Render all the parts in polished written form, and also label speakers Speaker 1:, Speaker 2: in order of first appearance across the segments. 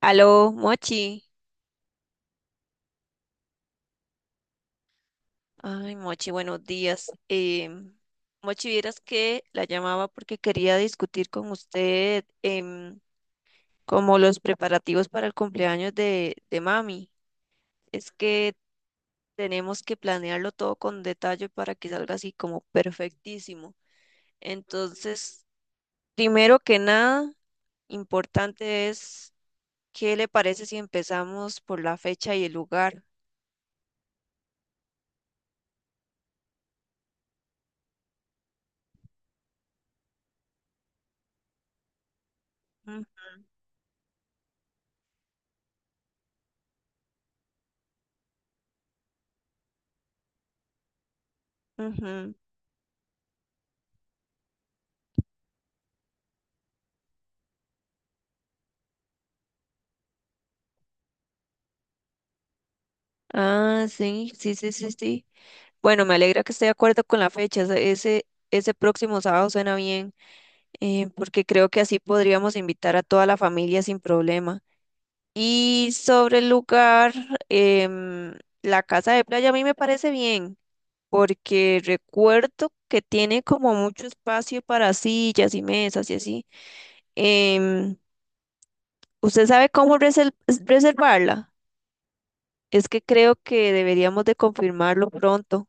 Speaker 1: Aló, Mochi. Ay, Mochi, buenos días. Mochi, vieras que la llamaba porque quería discutir con usted, como los preparativos para el cumpleaños de mami. Es que tenemos que planearlo todo con detalle para que salga así como perfectísimo. Entonces, primero que nada, importante es, ¿qué le parece si empezamos por la fecha y el lugar? Mm, ujú. Ah, sí, sí, sí, sí, sí. Bueno, me alegra que esté de acuerdo con la fecha. Ese próximo sábado suena bien, porque creo que así podríamos invitar a toda la familia sin problema. Y sobre el lugar, em, la casa de playa a mí me parece bien, porque recuerdo que tiene como mucho espacio para sillas y mesas y así. Em, ¿Usted sabe cómo reservarla? Es que creo que deberíamos de confirmarlo pronto.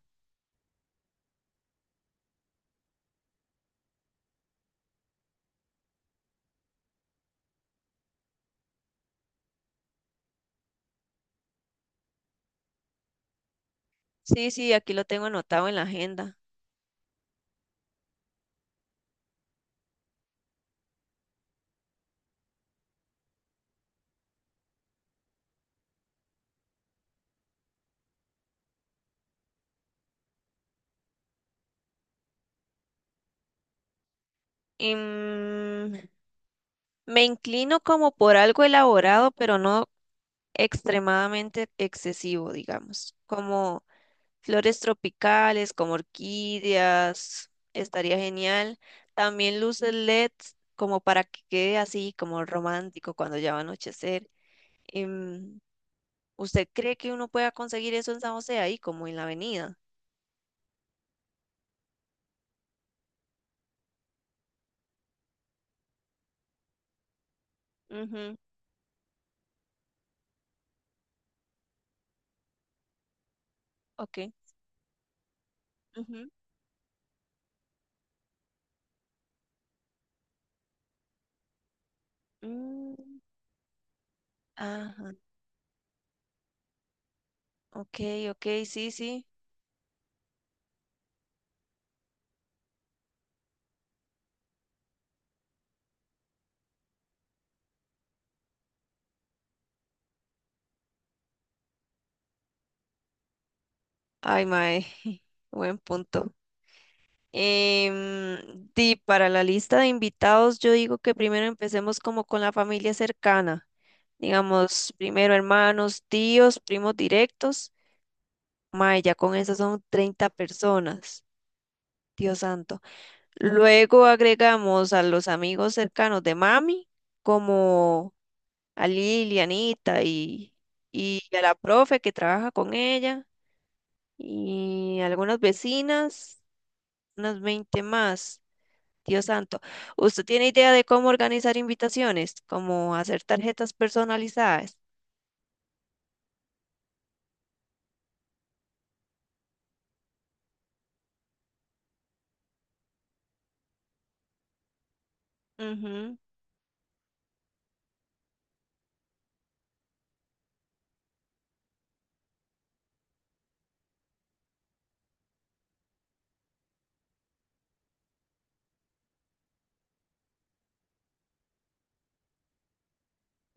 Speaker 1: Sí, sí, aquí lo tengo anotado en la agenda. Em, me inclino como por algo elaborado, pero no extremadamente excesivo, digamos, como flores tropicales, como orquídeas, estaría genial. También luces LED, como para que quede así, como romántico cuando ya va a anochecer. Em, ¿Usted cree que uno pueda conseguir eso en San José ahí, como en la avenida? Ujú. Ok. Ujú. Mm, ajá. Ok, ok, sí, sí. Ay, mae. Buen punto. Di, para la lista de invitados, yo digo que primero empecemos como con la familia cercana. Digamos, primero hermanos, tíos, primos directos. Mae, ya con eso son 30 personas. Dios santo. Luego agregamos a los amigos cercanos de mami, como a Lilianita y a la profe que trabaja con ella y algunas vecinas, unas 20 más. Dios santo, ¿usted tiene idea de cómo organizar invitaciones? ¿Cómo hacer tarjetas personalizadas? Ujú,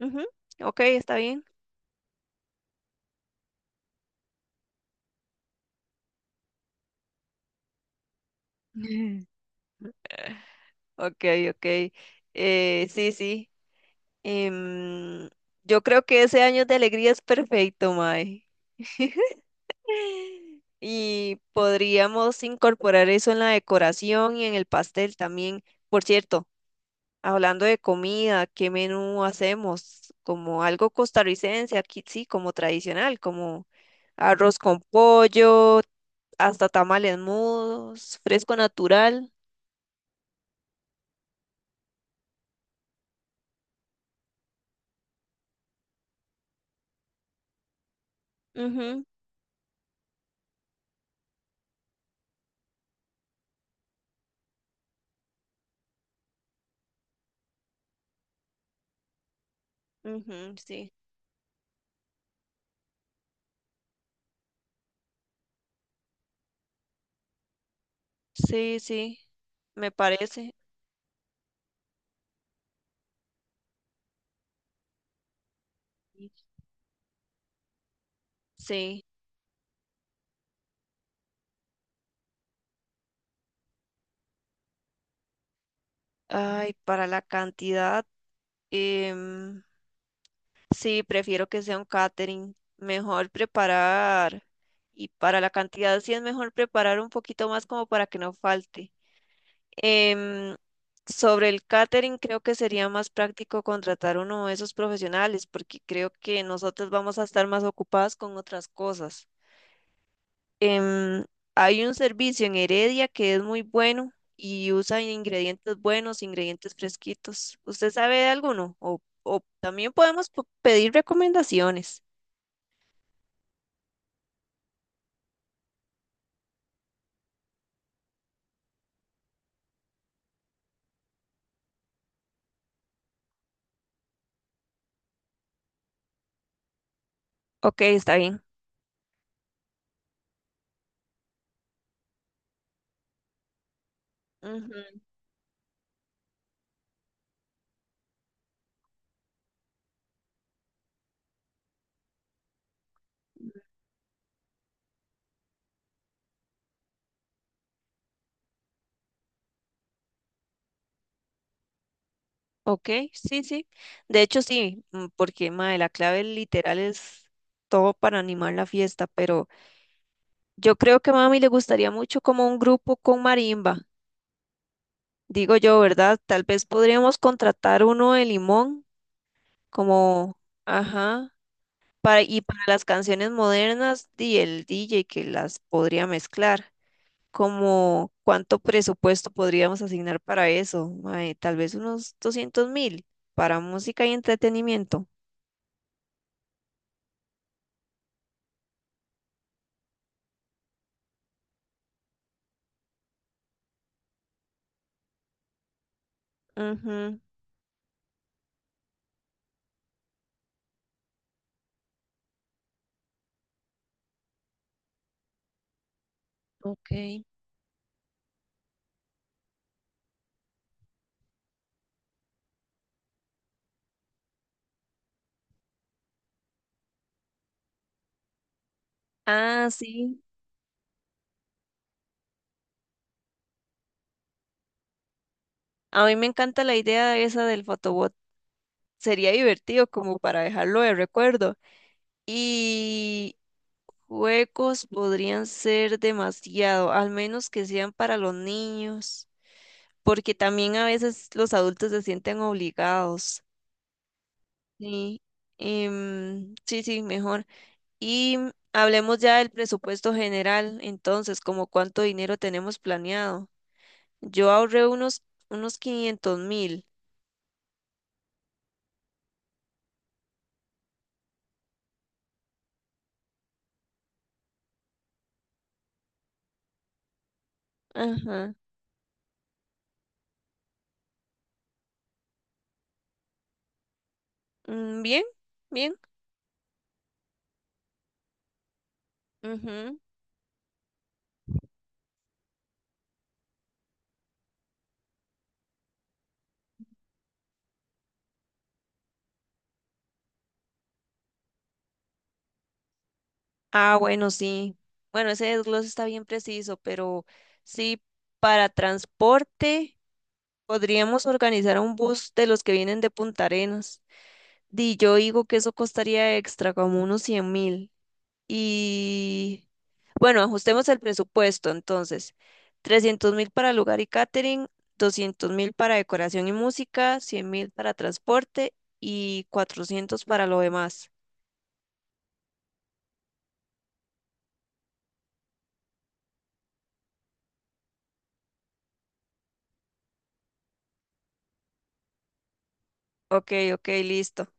Speaker 1: ujú. Ok, está bien. Ok, ok. Sí, sí. Em, yo creo que ese año de alegría es perfecto, Mae. Y podríamos incorporar eso en la decoración y en el pastel también. Por cierto, hablando de comida, ¿qué menú hacemos? Como algo costarricense, aquí sí, como tradicional, como arroz con pollo, hasta tamales mudos, fresco natural. Ujú, ujú, sí, sí, sí, me parece. Sí. Ay, para la cantidad, em, sí, prefiero que sea un catering. Mejor preparar, y para la cantidad sí es mejor preparar un poquito más como para que no falte. Em, sobre el catering, creo que sería más práctico contratar uno de esos profesionales, porque creo que nosotros vamos a estar más ocupadas con otras cosas. Em, hay un servicio en Heredia que es muy bueno y usa ingredientes buenos, ingredientes fresquitos. ¿Usted sabe de alguno? O o también podemos pedir recomendaciones. Ok, está bien. Ujú. Ok, sí, sí. De hecho, sí, mm, porque mae, la clave literal es todo para animar la fiesta, pero yo creo que a mami le gustaría mucho como un grupo con marimba, digo yo, ¿verdad? Tal vez podríamos contratar uno de Limón, como, ajá, para, y para las canciones modernas, di el DJ que las podría mezclar. Como cuánto presupuesto podríamos asignar para eso, mae, tal vez unos 200.000 para música y entretenimiento. Ujú. Ok. Ah, sí. A mí me encanta la idea esa del photobot. Sería divertido como para dejarlo de recuerdo. Y juegos podrían ser demasiado, al menos que sean para los niños, porque también a veces los adultos se sienten obligados. Sí, sí, sí, mejor. Y hablemos ya del presupuesto general, entonces, como cuánto dinero tenemos planeado. Yo ahorré unos 500.000. Ajá. Mm, bien, bien. Ujú. Ah, bueno, sí. Bueno, ese desglose está bien preciso, pero sí, para transporte podríamos organizar un bus de los que vienen de Punta Arenas. Y yo digo que eso costaría extra, como unos 100.000. Y bueno, ajustemos el presupuesto entonces. 300.000 para lugar y catering, 200.000 para decoración y música, 100.000 para transporte y 400 para lo demás. Ok, ok, listo.